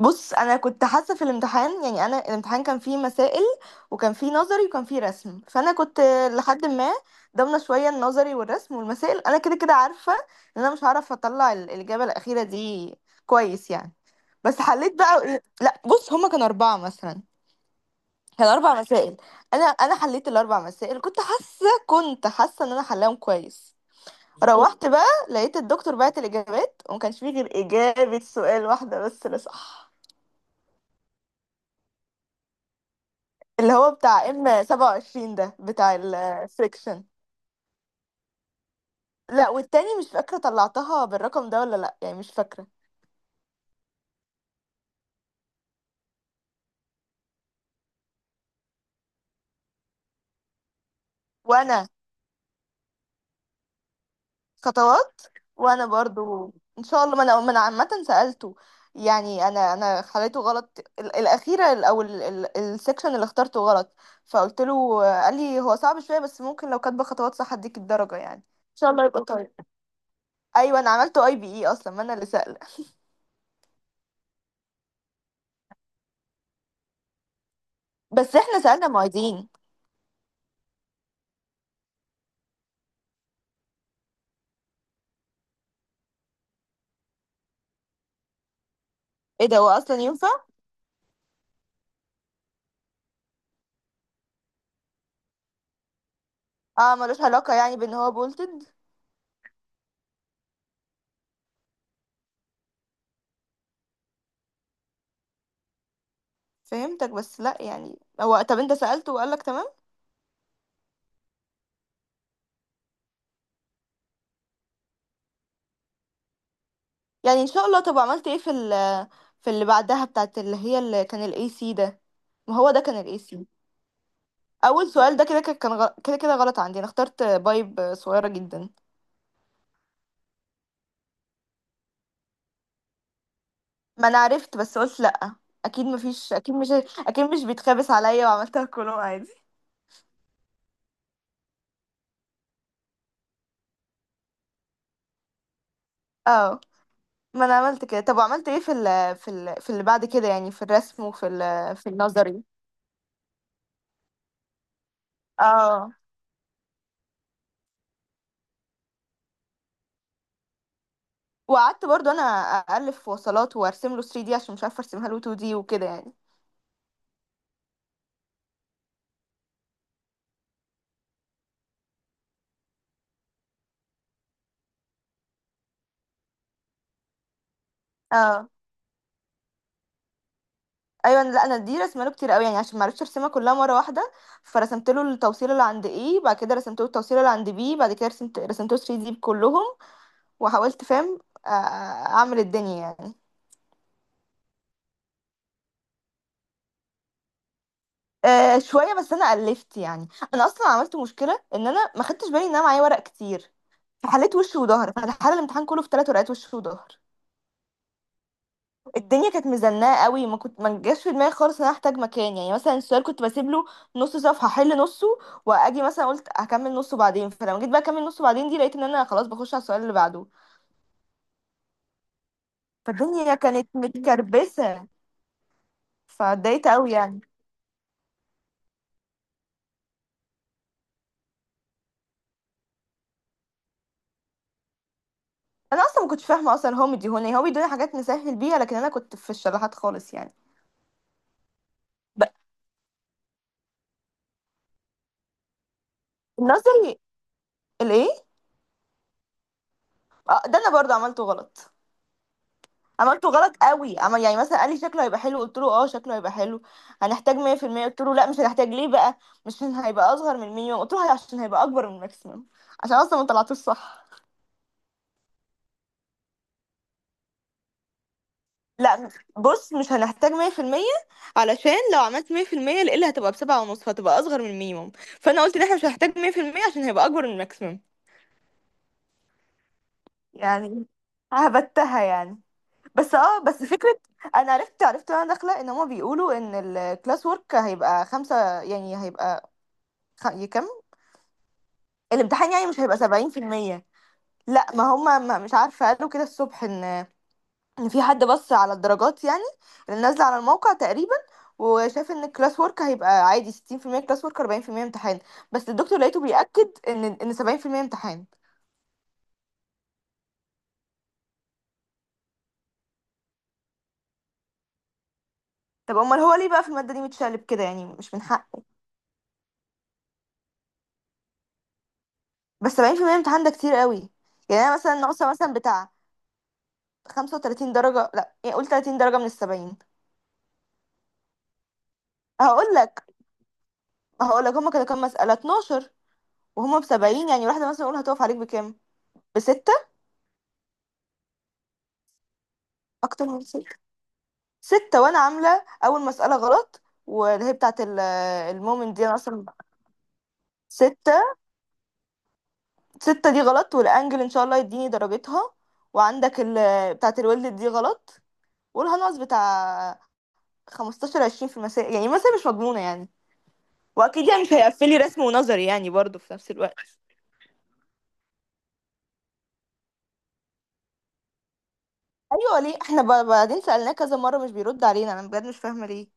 بص انا كنت حاسه في الامتحان، يعني انا الامتحان كان فيه مسائل وكان فيه نظري وكان فيه رسم. فانا كنت لحد ما ضامنه شويه النظري والرسم والمسائل. انا كده كده عارفه ان انا مش هعرف اطلع الاجابه الاخيره دي كويس يعني. بس حليت بقى لا بص، هما كانوا اربعه مثلا، كان اربع مسائل. انا حليت الاربع مسائل. كنت حاسه ان انا حلاهم كويس. روحت بقى لقيت الدكتور بعت الاجابات وما كانش فيه غير اجابه سؤال واحده بس اللي صح، اللي هو بتاع ام 27 ده، بتاع الفريكشن. لا والتاني مش فاكرة طلعتها بالرقم ده ولا لا، يعني مش فاكرة. وانا خطوات، وانا برضو ان شاء الله. ما انا عامة سألته، يعني انا خليته غلط. ال- الاخيرة ال- او ال- ال- السكشن اللي اخترته غلط، فقلت له، قال لي هو صعب شوية بس ممكن لو كاتبة خطوات صح اديك الدرجة يعني. ان شاء الله يبقى طيب. ايوه، انا عملته اي بي اي اصلا، ما انا اللي سأله. بس احنا سألنا معيدين. ايه ده، هو اصلا ينفع؟ اه، ملوش علاقة يعني بان هو بولتد. فهمتك، بس لا يعني، هو طب انت سألته وقالك تمام. يعني ان شاء الله. طب عملت ايه في ال، في اللي بعدها، بتاعت اللي هي، اللي كان الاي سي ده؟ ما هو ده كان الاي سي. اول سؤال ده كده كده كان كده كده غلط عندي، انا اخترت بايب صغيرة جدا. ما انا عرفت، بس قلت لا، اكيد مفيش، اكيد مش، اكيد مش بيتخابس عليا، وعملتها كلهم عادي. اه ما انا عملت كده. طب وعملت ايه في اللي بعد كده، يعني في الرسم وفي ال في النظري؟ اه، وقعدت برضو انا الف وصلات وارسم له 3 دي عشان مش عارفه ارسمها له 2 دي وكده يعني. اه ايوه، لا انا دي رسمه له كتير قوي، يعني عشان ما عرفتش ارسمها كلها مره واحده. فرسمت له التوصيله اللي عند ايه، بعد كده رسمت له التوصيله اللي عند بي، بعد كده رسمت له 3 دي كلهم. وحاولت، فاهم، آه، اعمل الدنيا يعني. شويه بس انا الفت يعني. انا اصلا عملت مشكله ان انا ما خدتش بالي ان انا معايا ورق كتير. فحليت وش وظهر، فانا حل الامتحان كله في 3 ورقات وش وظهر. الدنيا كانت مزنقه قوي، ما كنت ما جاش في دماغي خالص ان انا احتاج مكان. يعني مثلا السؤال كنت بسيب له نص صفحه احل نصه، واجي مثلا قلت هكمل نصه بعدين. فلما جيت بقى اكمل نصه بعدين دي، لقيت ان انا خلاص بخش على السؤال اللي بعده. فالدنيا كانت متكربسه، فاتضايقت قوي يعني. انا اصلا ما كنتش فاهمه اصلا، هو مديهوني، هو بيدوني حاجات نسهل بيها، لكن انا كنت في الشلاحات خالص يعني. ب- النظري، الايه؟ اه، ده انا برضه عملته غلط. عملته غلط قوي، عمل. يعني مثلا قال لي شكله هيبقى حلو، قلت له اه شكله هيبقى حلو. هنحتاج 100%؟ قلت له لا، مش هنحتاج. ليه بقى؟ مش عشان هيبقى اصغر من المينيمم. قلت له عشان هيبقى اكبر من الماكسيمم، عشان اصلا ما طلعتوش صح. لا بص، مش هنحتاج 100%، علشان لو عملت 100% القله هتبقى بسبعة ونص، فهتبقى اصغر من المينيمم. فانا قلت ان احنا مش هنحتاج 100%، عشان هيبقى اكبر من الماكسيمم. يعني هبتها يعني. بس اه بس فكرة. انا عرفت، عرفت وانا داخلة، ان هما بيقولوا ان الكلاس ورك هيبقى خمسة، يعني هيبقى كام الامتحان، يعني مش هيبقى 70%؟ لا، ما هم ما- مش عارفه، قالوا كده الصبح ان في حد بص على الدرجات يعني، اللي نازله على الموقع تقريبا، وشاف ان الكلاس ورك هيبقى عادي 60% كلاس ورك 40% امتحان. بس الدكتور لقيته بيأكد ان 70% امتحان. طب امال هو ليه بقى في الماده دي متشقلب كده، يعني مش من حقه. بس 70% امتحان ده كتير قوي. يعني انا مثلا ناقصه مثلا بتاع 35 درجه، لا يعني قول 30 درجه من ال 70. هقول لك هقول لك هما كانوا كام مساله، 12. وهما بسبعين، يعني واحدة مثلا اقول هتقف عليك بكام؟ بستة. اكتر من ستة. ستة، وانا عاملة اول مسألة غلط، واللي هي بتاعت المومنت دي انا اصلا. ستة. ستة دي غلط، والانجل ان شاء الله يديني درجتها. وعندك ال بتاعت الولد دي غلط. قولها ناقص بتاع خمستاشر عشرين في المسائل، يعني مثلا مش مضمونة يعني. واكيد يعني مش هيقفلي رسم ونظري يعني برضه في نفس الوقت. ايوه ليه احنا بعدين سألناه كذا مرة مش بيرد علينا؟ انا بجد مش فاهمة ليه.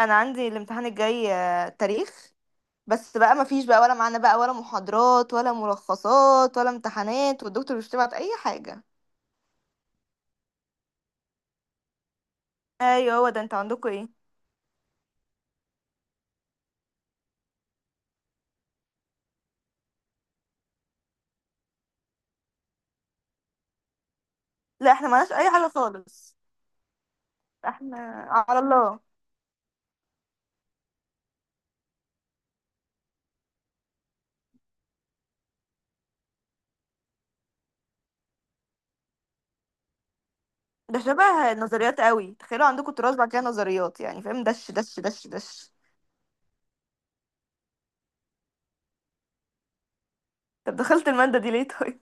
انا عندي الامتحان الجاي تاريخ. بس بقى مفيش بقى ولا معانا بقى، ولا محاضرات ولا ملخصات ولا امتحانات، والدكتور مش بتبعت اي حاجه. ايوه هو ده، انتوا عندكم ايه؟ لا احنا معناش اي حاجه خالص. احنا على الله. ده شبه النظريات قوي، تخيلوا عندكم تراث بعد كده نظريات. يعني فاهم، دش دش دش دش. طب دخلت الماده دي ليه طيب؟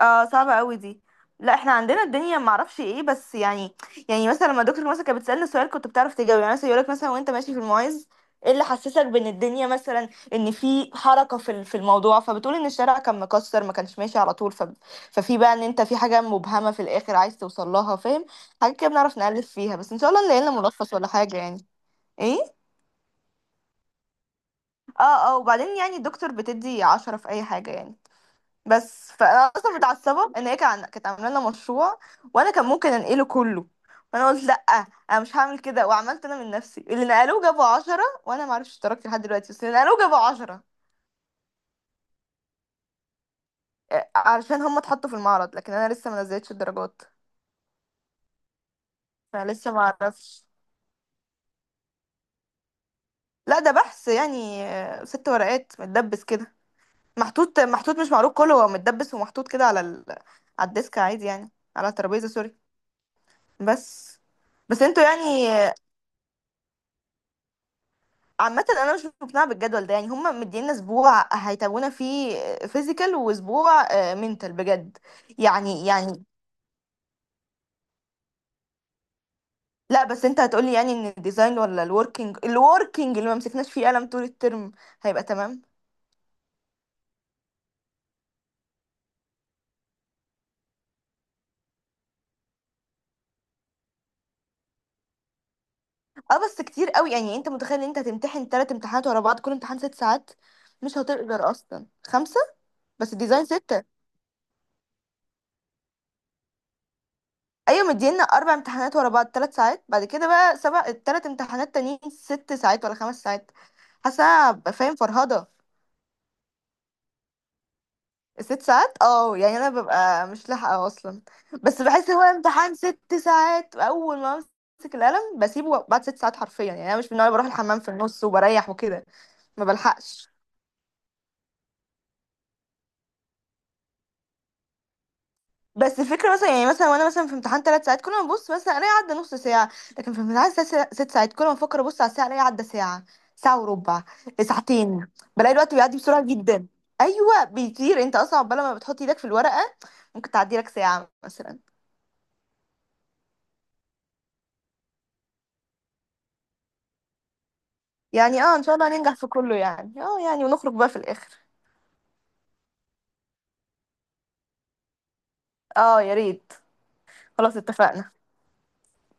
اه صعبة قوي دي. لا احنا عندنا الدنيا معرفش ايه بس يعني، يعني مثلا لما دكتور مثلا كانت بتسألنا سؤال كنت بتعرف تجاوب. يعني مثلا يقولك مثلا وانت ماشي في المعز، ايه اللي حسسك بان الدنيا مثلا ان في حركة في الموضوع، فبتقول ان الشارع كان مكسر ما كانش ماشي على طول، ف ففي بقى ان انت في حاجة مبهمة في الاخر عايز توصل لها، فاهم. حاجة كده بنعرف نألف فيها. بس ان شاء الله نلاقي لنا ملخص ولا حاجة يعني. ايه. اه. اه، وبعدين يعني الدكتور بتدي 10 في اي حاجة يعني. بس فانا اصلا متعصبه ان هي كانت عامله لنا مشروع، وانا كان ممكن انقله كله، فانا قلت لا انا مش هعمل كده، وعملت انا من نفسي. اللي نقلوه جابوا 10، وانا معرفش اشتركت لحد دلوقتي، بس اللي نقلوه جابوا عشرة. علشان هم اتحطوا في المعرض، لكن انا لسه ما نزلتش الدرجات، فانا لسه ما اعرفش. لا ده بحث يعني، 6 ورقات متدبس كده، محطوط، محطوط مش معروض، كله هو متدبس ومحطوط كده على ال، على الديسك عادي، يعني على الترابيزه، سوري. بس. بس انتوا يعني، عامة انا مش مقتنعة بالجدول ده. يعني هما مدينا اسبوع هيتابعونا فيه فيزيكال، واسبوع منتال بجد. يعني يعني، لا بس انت هتقولي يعني ان الديزاين ولا الوركينج، الوركينج اللي ما مسكناش فيه قلم طول الترم هيبقى تمام. اه بس كتير قوي. يعني انت متخيل ان انت هتمتحن تلات امتحانات ورا بعض كل امتحان 6 ساعات؟ مش هتقدر اصلا خمسة. بس الديزاين ستة. ايوه مدينا اربع امتحانات ورا بعض 3 ساعات، بعد كده بقى سبع، التلات امتحانات تانيين ست ساعات ولا 5 ساعات. حاسه هبقى فاهم فرهضه. ست ساعات اه، يعني انا ببقى مش لاحقه اصلا. بس بحس هو امتحان ست ساعات اول ما امسك القلم بسيبه بعد 6 ساعات حرفيا. يعني انا مش من النوع اللي بروح الحمام في النص وبريح وكده، ما بلحقش. بس الفكره مثلا، يعني مثلا وانا مثلا في امتحان 3 ساعات كل ما ابص مثلا الاقي عدى نص ساعه، لكن في امتحان ست 6 ساعات كل ما افكر ابص على الساعه الاقي عدى ساعه، ساعه وربع، ساعتين. بلاقي الوقت بيعدي بسرعه جدا. ايوه بيطير. انت اصلا عقبال ما بتحط ايدك في الورقه ممكن تعدي لك ساعه مثلا. يعني اه، ان شاء الله هننجح في كله. يعني اه، يعني ونخرج بقى في الاخر. اه يا ريت. خلاص اتفقنا.